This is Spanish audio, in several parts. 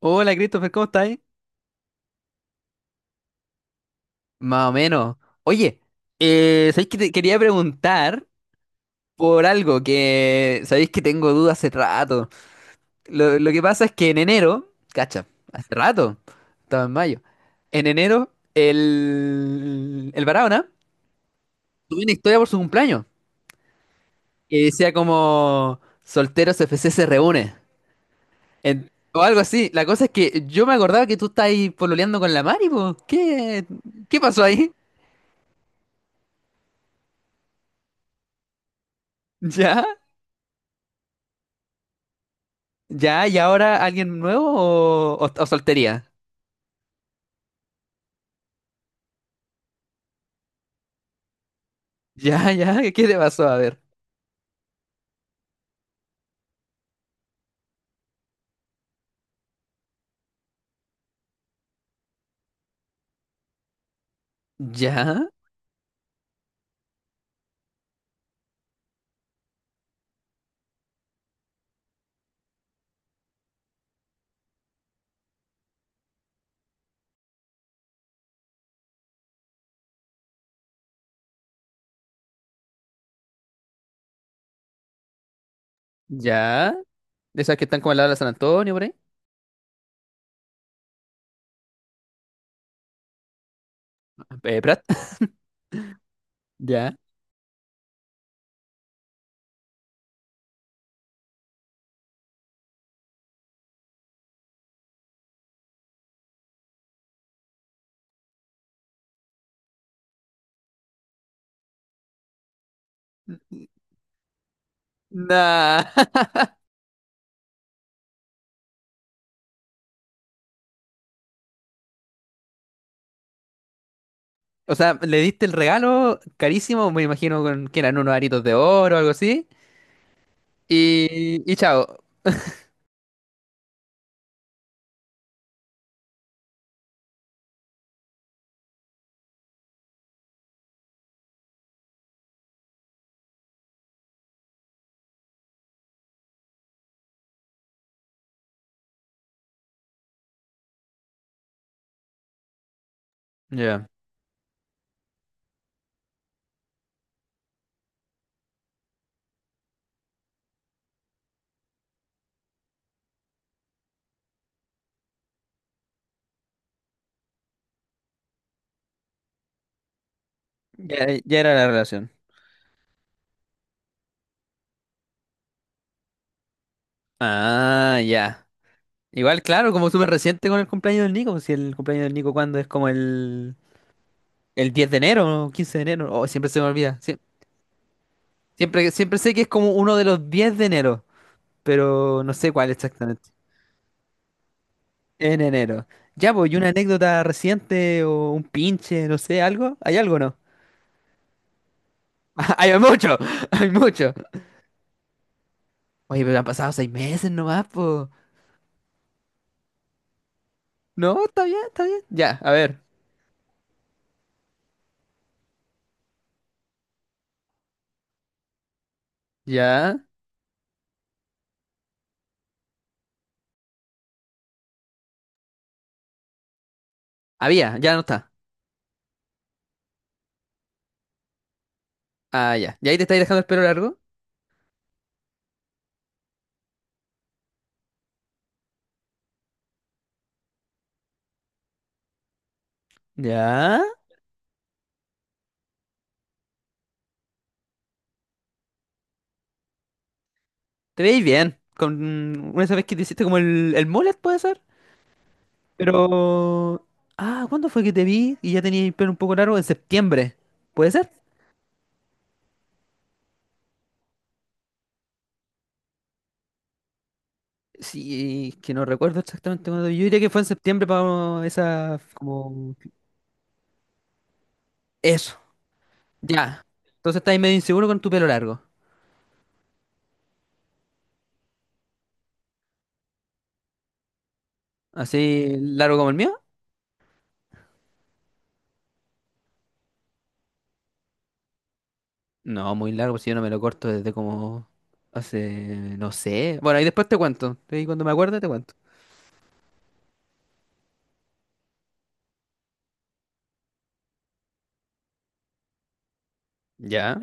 Hola Christopher, ¿cómo estás? Más o menos. Oye, ¿sabéis que te quería preguntar por algo que sabéis que tengo dudas hace rato? Lo que pasa es que en enero, cacha, hace rato, estaba en mayo. En enero, el Barahona tuvo una historia por su cumpleaños que decía como solteros FC se reúne. En- o algo así. La cosa es que yo me acordaba que tú estabas ahí pololeando con la Mari, po. ¿Qué pasó ahí? ¿Ya? Ya, ¿y ahora alguien nuevo o, o soltería? Ya, ya, ¿qué le pasó? A ver. Ya, ya. De esas que están como al lado de la San Antonio, por ahí. Prat. Ya. Nah. O sea, le diste el regalo carísimo, me imagino con, que eran unos aritos de oro o algo así. Y chao. Ya. Ya, ya era la relación. Ah, ya. Igual, claro, como súper reciente con el cumpleaños del Nico, pues. Si el cumpleaños del Nico, ¿cuándo es como el...? El 10 de enero, 15 de enero, oh, siempre se me olvida. Siempre, siempre sé que es como uno de los 10 de enero, pero no sé cuál exactamente. En enero. Ya, pues, ¿y una anécdota reciente o un pinche, no sé, algo? ¿Hay algo o no? Hay mucho, hay mucho. Oye, pero han pasado seis meses nomás, pues. No, está bien, está bien. Ya, a ver. Ya. Ah, había, ya no está. Ah, ya. ¿Y ahí te estáis dejando el pelo largo? Ya. Te veis bien. Con una vez que te hiciste como el mullet, ¿puede ser? Pero... Ah, ¿cuándo fue que te vi y ya tenía el pelo un poco largo? En septiembre. ¿Puede ser? Sí, es que no recuerdo exactamente cuándo. Yo diría que fue en septiembre para esa... como... Eso. Ya. Entonces estás medio inseguro con tu pelo largo. ¿Así largo como el mío? No, muy largo, si yo no me lo corto desde como... Hace... no sé. Bueno, ahí después te cuento. Ahí cuando me acuerde te cuento. Ya.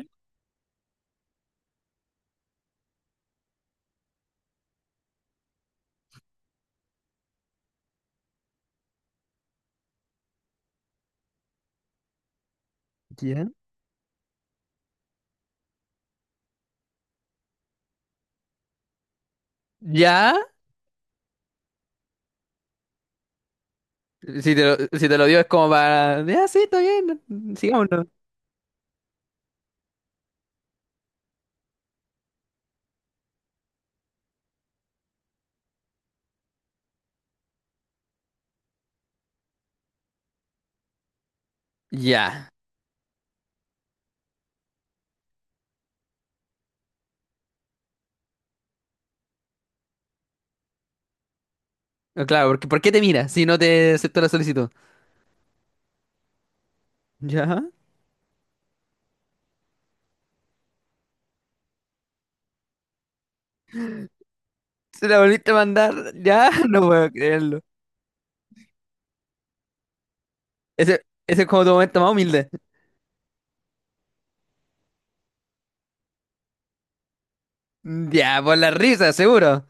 Ya. Ya. Si te lo, si te lo dio es como para... Ya, sí, está bien. Sigámonos. Ya. Ah, claro, porque ¿por qué te mira si no te aceptó la solicitud? ¿Ya? ¿Se la volviste a mandar? Ya, no puedo creerlo. Ese, ese es como tu momento más humilde. Ya, por la risa, seguro.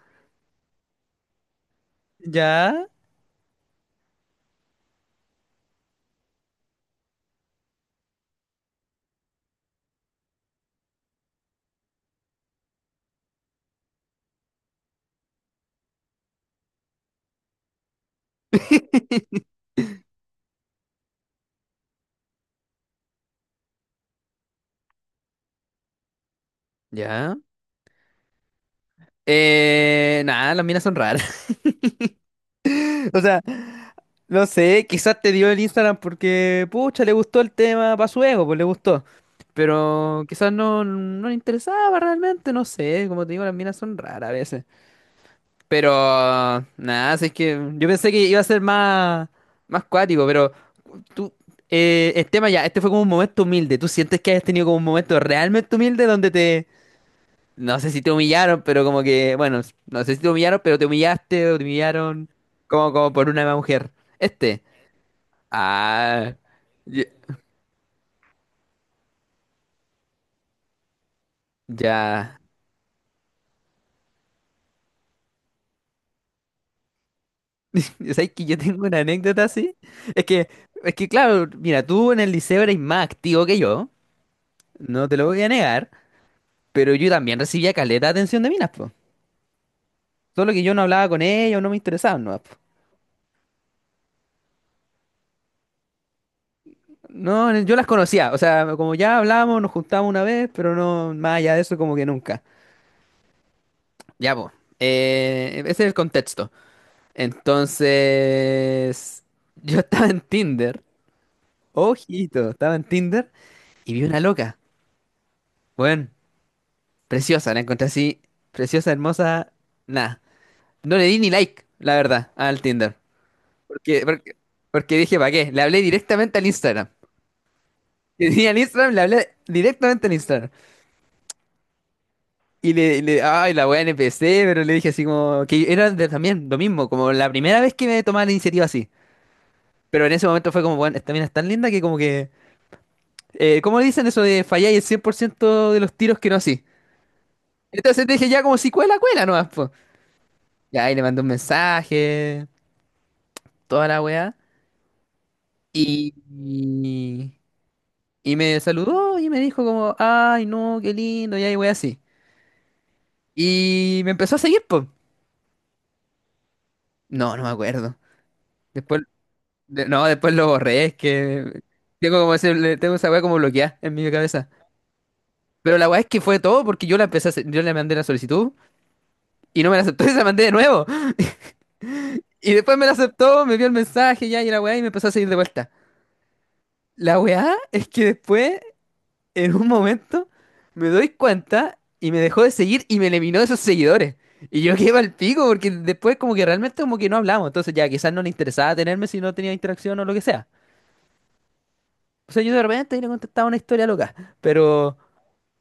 ¿Ya? Ya. Nada, las minas son raras. O sea, no sé, quizás te dio el Instagram porque, pucha, le gustó el tema para su ego, pues le gustó. Pero quizás no, no le interesaba realmente, no sé. Como te digo, las minas son raras a veces. Pero nada, así es que yo pensé que iba a ser más, más cuático, pero tú, el tema ya, este fue como un momento humilde. ¿Tú sientes que has tenido como un momento realmente humilde donde te, no sé si te humillaron, pero como que, bueno, no sé si te humillaron, pero te humillaste o te humillaron como, como por una mujer? Este. Ah, ya. Ya. ¿Sabes que yo tengo una anécdota así? Es que, es que claro, mira, tú en el liceo eres más activo que yo, no te lo voy a negar. Pero yo también recibía caleta de atención de minas, po. Solo que yo no hablaba con ellas, no me interesaban, no, po. No, yo las conocía, o sea, como ya hablábamos, nos juntábamos una vez, pero no, más allá de eso, como que nunca. Ya, po. Ese es el contexto. Entonces, yo estaba en Tinder, ojito, estaba en Tinder y vi una loca, bueno, preciosa, la encontré así, preciosa, hermosa, nada. No le di ni like, la verdad, al Tinder. Porque, porque, porque dije, ¿para qué? Le hablé directamente al Instagram. Y tenía el Instagram, le hablé directamente en Instagram. Y le, ay, la wea NPC, pero le dije así como, también lo mismo, como la primera vez que me tomaba la iniciativa así. Pero en ese momento fue como, bueno, esta mina es tan linda que como que, ¿cómo dicen eso de fallar el 100% de los tiros que no así? Entonces le dije ya como si cuela, cuela nomás, po. Y ahí le mandé un mensaje, toda la wea. Y, y, y me saludó y me dijo como, ay, no, qué lindo, y ahí wea así. Y me empezó a seguir, pues. No, no me acuerdo. Después, no, después lo borré, es que tengo como tengo esa weá como bloqueada en mi cabeza. Pero la weá es que fue todo porque yo la empecé a hacer- yo le mandé la solicitud y no me la aceptó y se la mandé de nuevo. Y después me la aceptó, me vio el mensaje ya y la weá y me empezó a seguir de vuelta. La weá es que después, en un momento, me doy cuenta y me dejó de seguir y me eliminó de sus seguidores. Y yo quedé al pico porque después como que realmente como que no hablamos. Entonces ya quizás no le interesaba tenerme si no tenía interacción o lo que sea. O sea, yo de repente le contestaba una historia loca, pero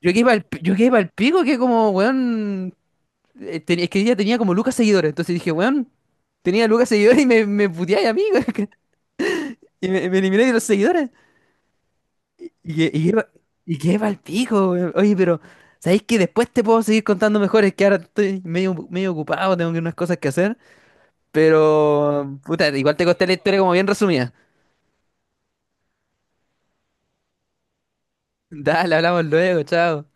yo que iba al pico, que como, weón, es que ella tenía como lucas seguidores, entonces dije, weón, tenía lucas seguidores y me puteáis a mí, weón, y me elimináis de los seguidores. Y que, y que iba, y que iba al pico, weón. Oye, pero, ¿sabéis que después te puedo seguir contando mejor? Es que ahora estoy medio, medio ocupado, unas cosas que hacer, pero, puta, igual te conté la historia como bien resumida. Dale, hablamos luego, chao.